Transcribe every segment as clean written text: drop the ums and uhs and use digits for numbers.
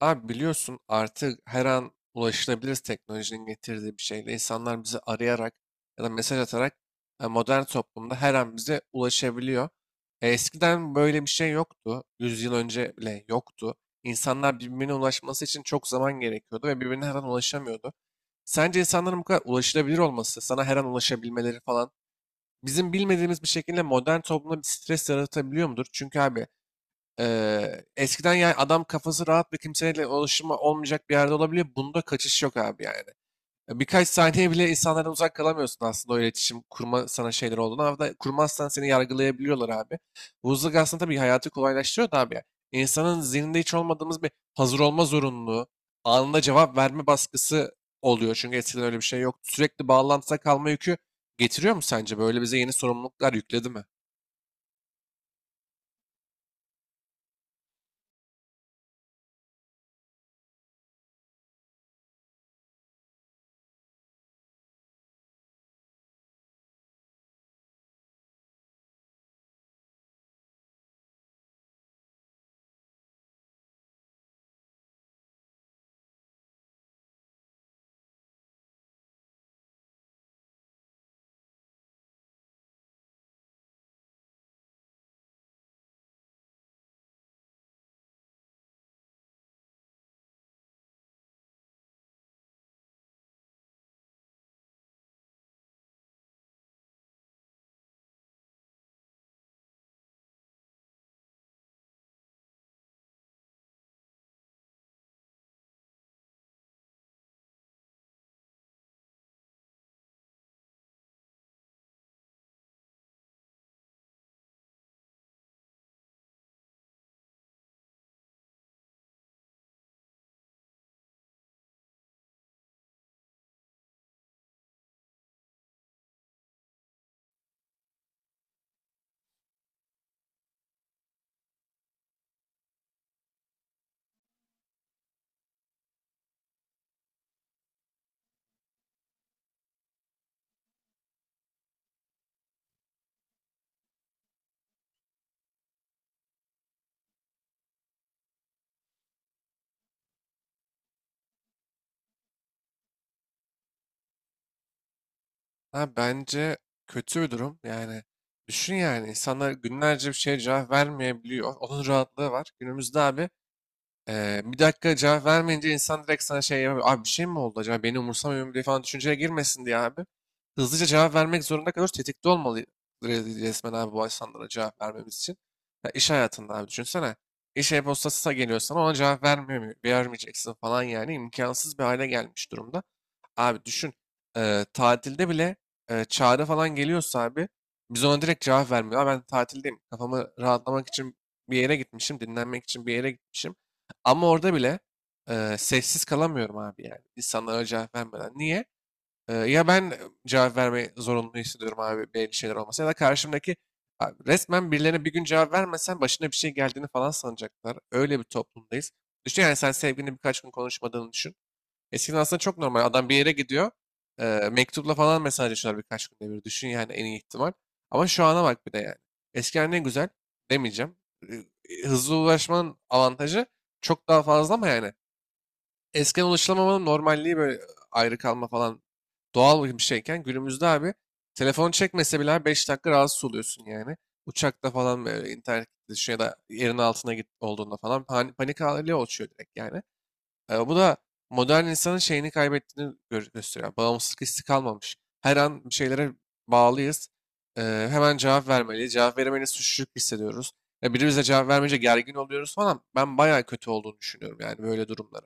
Abi biliyorsun artık her an ulaşılabiliriz teknolojinin getirdiği bir şeyle. İnsanlar bizi arayarak ya da mesaj atarak modern toplumda her an bize ulaşabiliyor. Eskiden böyle bir şey yoktu. 100 yıl önce bile yoktu. İnsanlar birbirine ulaşması için çok zaman gerekiyordu ve birbirine her an ulaşamıyordu. Sence insanların bu kadar ulaşılabilir olması, sana her an ulaşabilmeleri falan bizim bilmediğimiz bir şekilde modern toplumda bir stres yaratabiliyor mudur? Çünkü abi, eskiden yani adam kafası rahat ve kimseyle ulaşımı olmayacak bir yerde olabiliyor. Bunda kaçış yok abi yani. Ya birkaç saniye bile insanlardan uzak kalamıyorsun aslında o iletişim kurma sana şeyler olduğunu. Ama da kurmazsan seni yargılayabiliyorlar abi. Bu hızlık aslında tabii hayatı kolaylaştırıyor da abi, ya. İnsanın zihninde hiç olmadığımız bir hazır olma zorunluluğu, anında cevap verme baskısı oluyor. Çünkü eskiden öyle bir şey yok. Sürekli bağlantıda kalma yükü getiriyor mu sence? Böyle bize yeni sorumluluklar yükledi mi? Ha, bence kötü bir durum. Yani düşün yani insanlar günlerce bir şeye cevap vermeyebiliyor. Onun rahatlığı var. Günümüzde abi 1 dakika cevap vermeyince insan direkt sana şey yapıyor. Abi bir şey mi oldu acaba? Beni umursamıyor mu diye falan düşünceye girmesin diye abi. Hızlıca cevap vermek zorunda kalıyoruz. Tetikte olmalı resmen abi bu insanlara cevap vermemiz için. Ya iş hayatında abi düşünsene. İş e-postası geliyor sana ona cevap vermiyor, vermeyeceksin falan yani imkansız bir hale gelmiş durumda. Abi düşün, tatilde bile, çağrı falan geliyorsa abi biz ona direkt cevap vermiyoruz. "Aa, ben tatildeyim kafamı rahatlamak için bir yere gitmişim dinlenmek için bir yere gitmişim. Ama orada bile sessiz kalamıyorum abi yani insanlara cevap vermeden. Niye? Ya ben cevap vermeyi zorunlu hissediyorum abi belli şeyler olmasa ya da karşımdaki abi resmen birilerine bir gün cevap vermesen başına bir şey geldiğini falan sanacaklar. Öyle bir toplumdayız. Düşün yani sen sevgilini birkaç gün konuşmadığını düşün. Eskiden aslında çok normal. Adam bir yere gidiyor. Mektupla falan mesajlaşıyorlar birkaç günde bir. Düşün yani en iyi ihtimal. Ama şu ana bak bir de yani. Eskiden ne güzel demeyeceğim. Hızlı ulaşmanın avantajı çok daha fazla ama yani eskiden ulaşılamamanın normalliği böyle ayrı kalma falan doğal bir şeyken günümüzde abi telefon çekmese bile 5 dakika rahatsız oluyorsun yani. Uçakta falan böyle internet gittiği ya da yerin altına git olduğunda falan panik hali oluşuyor direkt yani. Bu da modern insanın şeyini kaybettiğini gösteriyor. Yani bağımsızlık hissi kalmamış. Her an bir şeylere bağlıyız. E, Hemen cevap vermeliyiz. Cevap veremeyiz suçluluk hissediyoruz. Biri bize cevap vermeyince gergin oluyoruz falan. Ben bayağı kötü olduğunu düşünüyorum yani böyle durumları.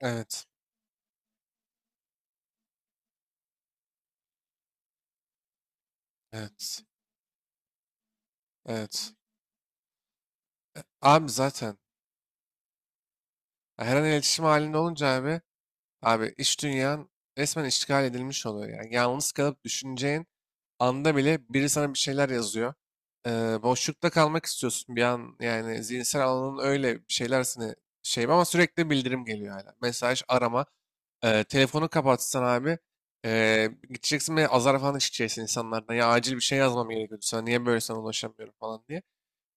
Evet, evet, evet. Abi zaten her an iletişim halinde olunca abi, abi iş dünyan resmen işgal edilmiş oluyor yani. Yalnız kalıp düşüneceğin anda bile biri sana bir şeyler yazıyor. Boşlukta kalmak istiyorsun bir an yani zihinsel alanın öyle bir şeyler seni şey ama sürekli bildirim geliyor hala. Mesaj, arama. Telefonu kapatsan abi gideceksin ve azar falan işleyeceksin insanlardan. Ya acil bir şey yazmam gerekiyordu sana niye böyle sana ulaşamıyorum falan diye.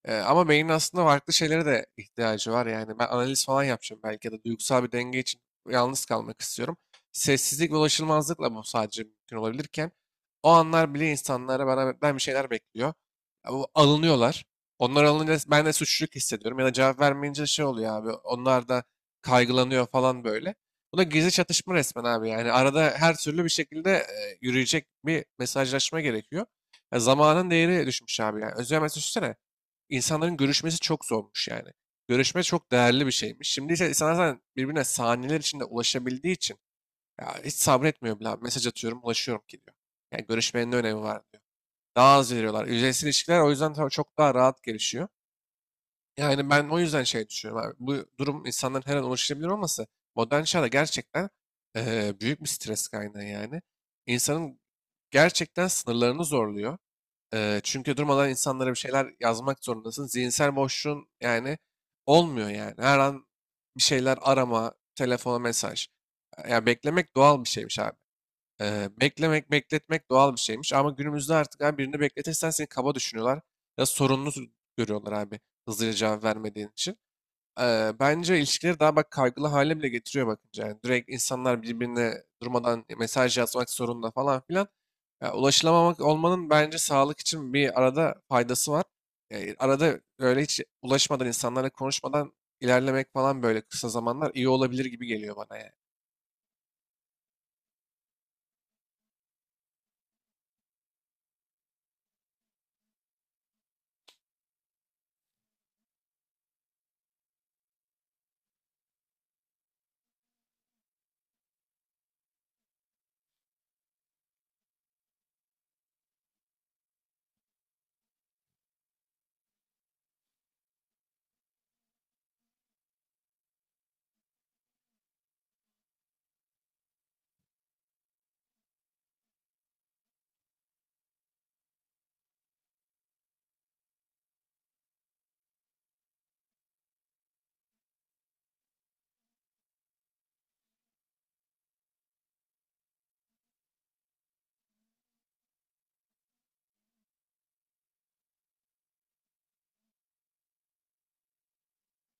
Ama beynin aslında farklı şeylere de ihtiyacı var. Yani ben analiz falan yapacağım belki ya da duygusal bir denge için yalnız kalmak istiyorum. Sessizlik ve ulaşılmazlıkla bu sadece mümkün olabilirken o anlar bile insanlara bana ben bir şeyler bekliyor. Ya bu alınıyorlar. Onlar alınca ben de suçluluk hissediyorum ya da cevap vermeyince şey oluyor abi. Onlar da kaygılanıyor falan böyle. Bu da gizli çatışma resmen abi. Yani arada her türlü bir şekilde yürüyecek bir mesajlaşma gerekiyor. Ya zamanın değeri düşmüş abi. Yani özel mesaj insanların görüşmesi çok zormuş yani. Görüşme çok değerli bir şeymiş. Şimdi ise insanlar zaten birbirine saniyeler içinde ulaşabildiği için ya hiç sabretmiyor bile abi. Mesaj atıyorum, ulaşıyorum ki diyor. Yani görüşmenin ne önemi var diyor. Daha az veriyorlar. Yüzeysel ilişkiler o yüzden tabii çok daha rahat gelişiyor. Yani ben o yüzden şey düşünüyorum abi. Bu durum insanların her an ulaşılabilir olması modern çağda gerçekten büyük bir stres kaynağı yani. İnsanın gerçekten sınırlarını zorluyor. Çünkü durmadan insanlara bir şeyler yazmak zorundasın. Zihinsel boşluğun yani olmuyor yani. Her an bir şeyler arama, telefona mesaj. Ya beklemek doğal bir şeymiş abi. Beklemek, bekletmek doğal bir şeymiş. Ama günümüzde artık abi birini bekletirsen seni kaba düşünüyorlar. Ya sorunlu görüyorlar abi hızlıca cevap vermediğin için. Bence ilişkileri daha bak kaygılı hale bile getiriyor bakınca. Yani direkt insanlar birbirine durmadan mesaj yazmak zorunda falan filan. Ya, ulaşılamamak olmanın bence sağlık için bir arada faydası var. Arada böyle hiç ulaşmadan insanlarla konuşmadan ilerlemek falan böyle kısa zamanlar iyi olabilir gibi geliyor bana yani.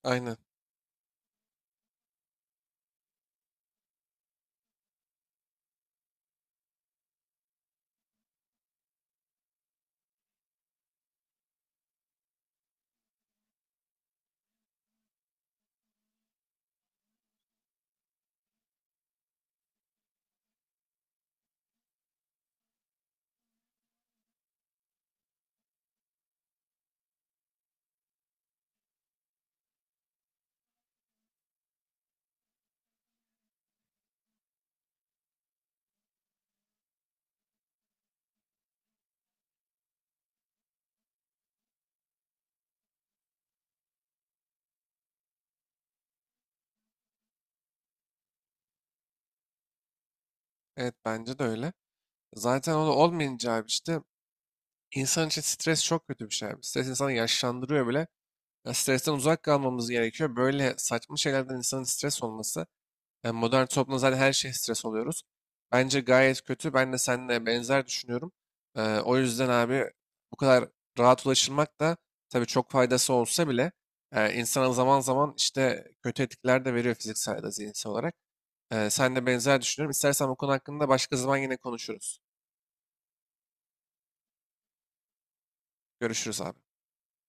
Aynen. Evet, bence de öyle. Zaten o da olmayınca abi işte insan için stres çok kötü bir şey abi. Stres insanı yaşlandırıyor bile. Ya, stresten uzak kalmamız gerekiyor. Böyle saçma şeylerden insanın stres olması, yani modern toplumda zaten her şey stres oluyoruz. Bence gayet kötü. Ben de seninle benzer düşünüyorum. O yüzden abi bu kadar rahat ulaşılmak da tabii çok faydası olsa bile insana zaman zaman işte kötü etkiler de veriyor fiziksel ya da zihinsel olarak. Sen de benzer düşünüyorum. İstersen bu konu hakkında başka zaman yine konuşuruz. Görüşürüz abi.